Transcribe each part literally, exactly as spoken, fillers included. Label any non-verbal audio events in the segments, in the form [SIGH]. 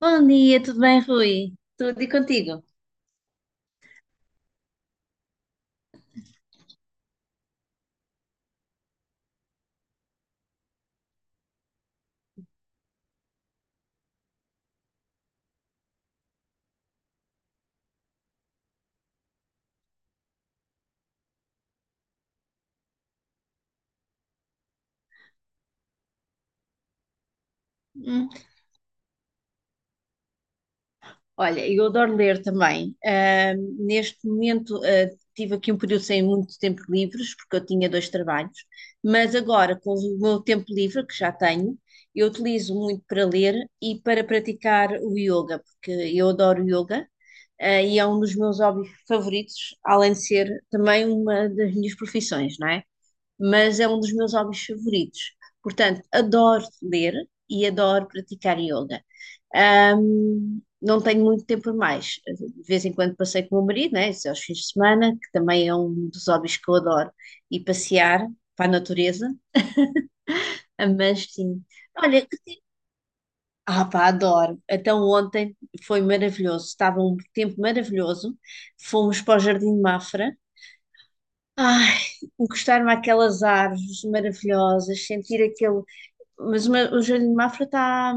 Bom dia, tudo bem, Rui? Tudo e contigo? Hum. Olha, eu adoro ler também. Ahm, neste momento, ah, tive aqui um período sem muito tempo livres, porque eu tinha dois trabalhos, mas agora, com o meu tempo livre, que já tenho, eu utilizo muito para ler e para praticar o yoga, porque eu adoro yoga, ah, e é um dos meus hobbies favoritos, além de ser também uma das minhas profissões, não é? Mas é um dos meus hobbies favoritos. Portanto, adoro ler e adoro praticar yoga. Ahm, não tenho muito tempo a mais. De vez em quando passei com o meu marido, né? Isso é aos fins de semana, que também é um dos hobbies que eu adoro, e passear para a natureza. [LAUGHS] Mas sim, olha, que te- ah, pá, adoro. Então ontem foi maravilhoso, estava um tempo maravilhoso. Fomos para o Jardim de Mafra. Ai, encostar-me àquelas árvores maravilhosas, sentir aquele, Mas o, meu- o Jardim de Mafra está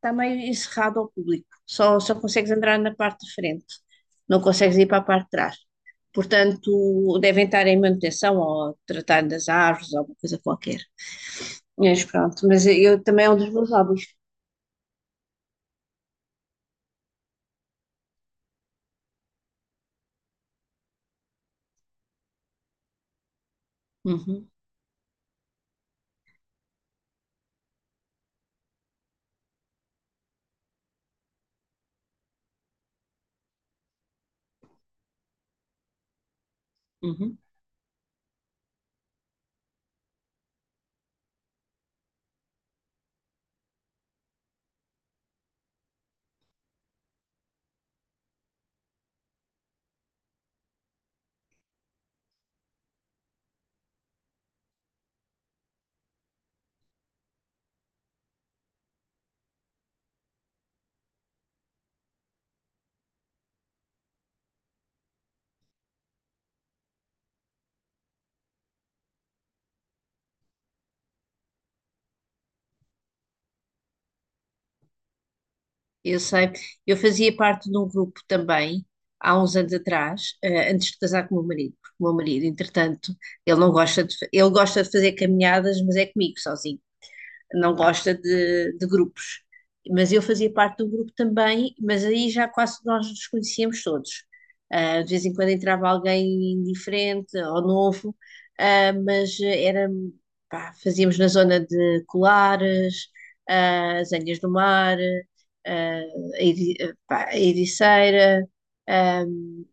tá meio encerrado ao público. Só, só consegues entrar na parte de frente. Não consegues ir para a parte de trás. Portanto, devem estar em manutenção ou a tratar das árvores ou alguma coisa qualquer. Mas pronto, mas eu também é um dos meus hobbies. Uhum, uhum. Eu sei. Eu fazia parte de um grupo também, há uns anos atrás, eh, antes de casar com o meu marido. Porque o meu marido, entretanto, ele não gosta de, fa- ele gosta de fazer caminhadas, mas é comigo sozinho. Não gosta de, de grupos. Mas eu fazia parte do grupo também, mas aí já quase nós nos conhecíamos todos. Ah, de vez em quando entrava alguém diferente ou novo, ah, mas era, pá, fazíamos na zona de Colares, ah, as Anhas do Mar, ah, a Eri- pá, a Ericeira, ah,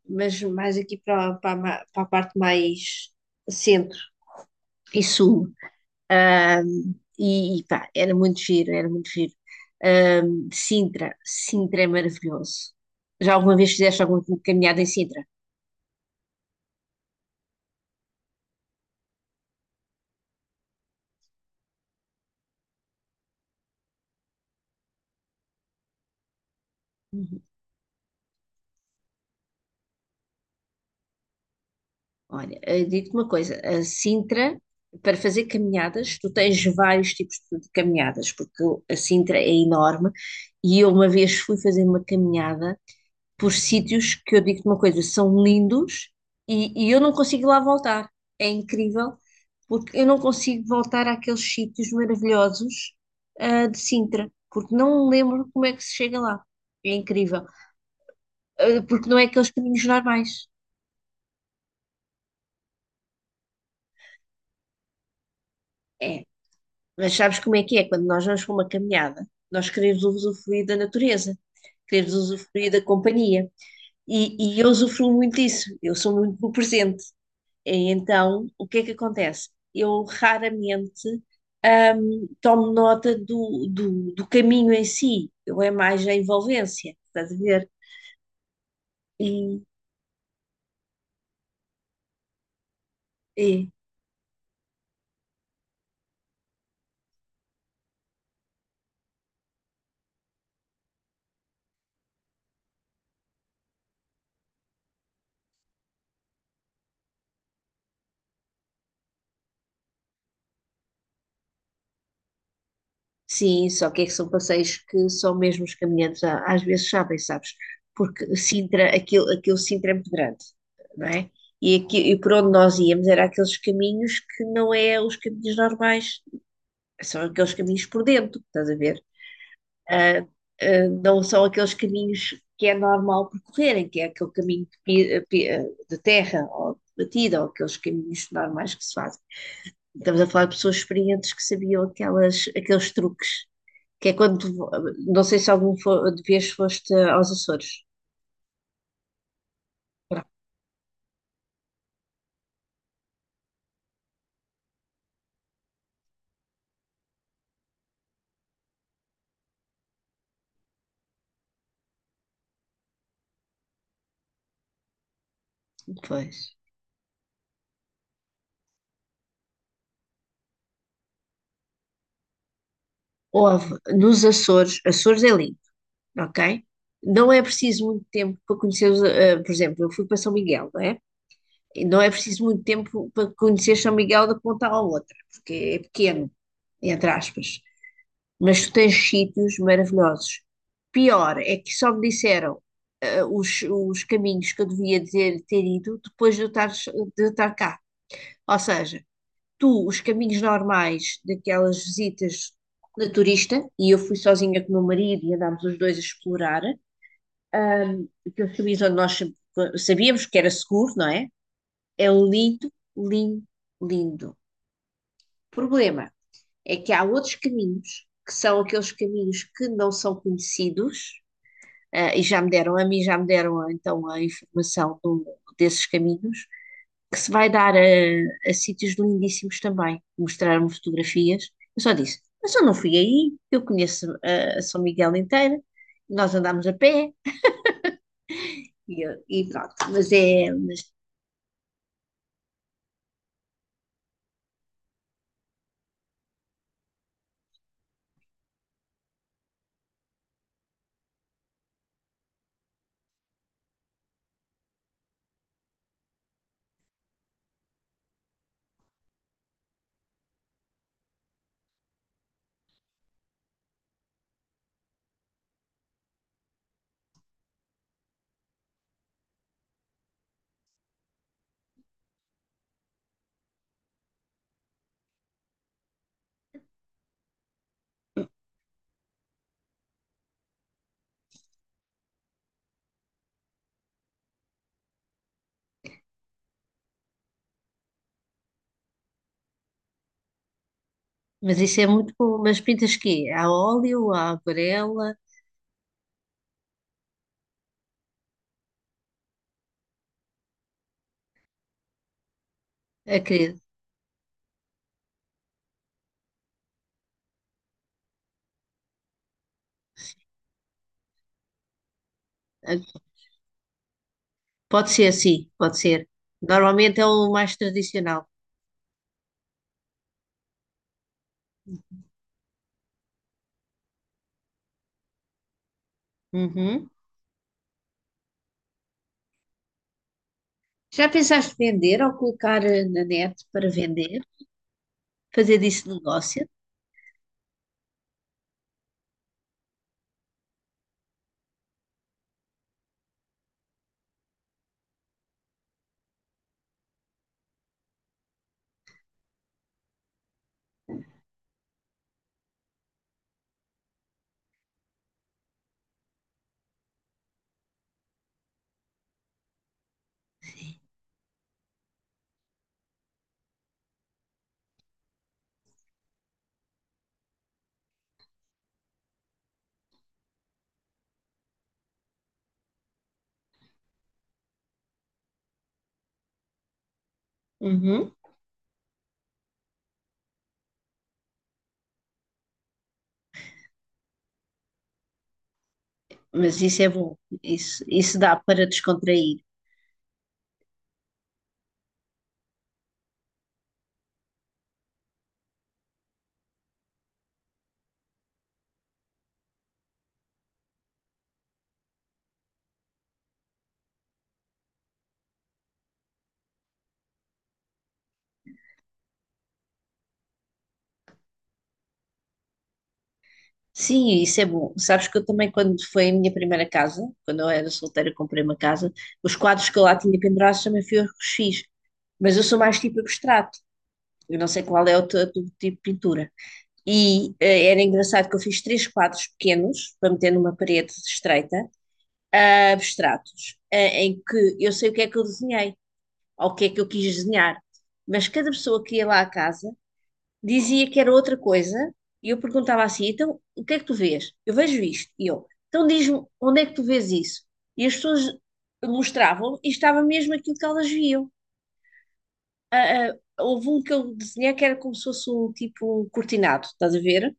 mas mais aqui para, para, a ma- para a parte mais centro e sul. E, e pá, era muito giro, era muito giro. Ahm, de Sintra, Sintra é maravilhoso. Já alguma vez fizeste alguma caminhada em Sintra? Uhum. Olha, eh, digo-te uma coisa, a Sintra, para fazer caminhadas, tu tens vários tipos de de caminhadas, porque a Sintra é enorme e eu uma vez fui fazer uma caminhada por sítios que eu digo-te uma coisa, são lindos e, e eu não consigo lá voltar. É incrível, porque eu não consigo voltar àqueles sítios maravilhosos, ah, de Sintra, porque não me lembro como é que se chega lá. É incrível, ah, porque não é aqueles caminhos normais. É, mas sabes como é que é? Quando nós vamos para uma caminhada, nós queremos usufruir da natureza, queremos usufruir da companhia. E, e eu usufruo muito disso, eu sou muito no presente. E então, o que é que acontece? Eu raramente tomo nota do, do, do caminho em si, eu é mais a envolvência, estás a ver? E, e- sim, só que é que são passeios que só mesmo os caminhantes a- às vezes sabem, sabes? Porque Sintra, aquilo, aquilo Sintra é muito grande, não é? E, aqui, e por onde nós íamos era aqueles caminhos que não é os caminhos normais, são aqueles caminhos por dentro, estás a ver? Ah, ah, não são aqueles caminhos que é normal percorrerem, que é aquele caminho de, pi- pi- ah, de terra ou de batida, ou aqueles caminhos normais que se fazem. Estamos a falar de pessoas experientes que sabiam aquelas, aqueles truques, que é quando, vo- não sei se algum fo- de vez foste aos Açores. Pronto, pois. Houve nos Açores, Açores é lindo, ok? Não é preciso muito tempo para conhecer, os, eh, por exemplo, eu fui para São Miguel, não é? E não é preciso muito tempo para conhecer São Miguel da ponta à outra, porque é pequeno, entre aspas. Mas tu tens sítios maravilhosos. Pior é que só me disseram eh, os, os caminhos que eu devia ter, ter ido depois de eu estar, de eu estar cá. Ou seja, tu, os caminhos normais daquelas visitas de turista, e eu fui sozinha com o meu marido e andámos os dois a explorar, ahm, aqueles caminhos onde nós sempre- sabíamos que era seguro, não é? É lindo, lindo, lindo. O problema é que há outros caminhos, que são aqueles caminhos que não são conhecidos, ah, e já me deram a mim, já me deram ah, então a informação do- desses caminhos, que se vai dar a, a sítios lindíssimos também. Mostraram-me fotografias. Eu só disse, mas eu não fui aí, eu conheço ah, a São Miguel inteira, nós andámos a pé, e, eu- e pronto. Mas é, mas mas isso é muito bom. Mas pintas quê? A óleo, a aquarela? Acredito. Pode ser, sim, pode ser. Normalmente é o mais tradicional. Uhum. Já pensaste vender ou colocar eh, na net para vender? Fazer disso negócio? Uhum. Mas isso é bom. Isso, isso dá para descontrair. Sim, isso é bom. Sabes que eu também, quando foi a minha primeira casa, quando eu era solteira, comprei uma casa, os quadros que eu lá tinha pendurados também fui eu que os fiz. Mas eu sou mais tipo abstrato. Eu não sei qual é o teu, teu tipo de pintura. E eh, era engraçado que eu fiz três quadros pequenos para meter numa parede estreita, abstratos, eh, em que eu sei o que é que eu desenhei, ou o que é que eu quis desenhar. Mas cada pessoa que ia lá à casa dizia que era outra coisa, e eu perguntava assim: então, o que é que tu vês? Eu vejo isto. E eu, então diz-me, onde é que tu vês isso? E as pessoas mostravam e estava mesmo aquilo que elas viam. Ah, ah, houve um que eu desenhei que era como se fosse um tipo um cortinado, estás a ver?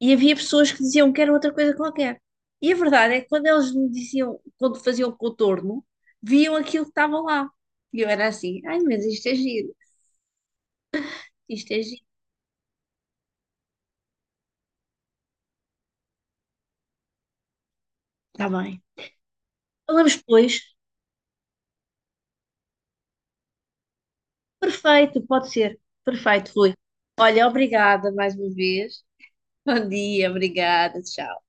E havia pessoas que diziam que era outra coisa qualquer. E a verdade é que quando eles me diziam, quando faziam o contorno, viam aquilo que estava lá. E eu era assim, ai, mas isto é giro, isto é giro, está bem. Falamos depois, perfeito, pode ser, perfeito, Rui. Olha, obrigada mais uma vez. Bom dia, obrigada, tchau.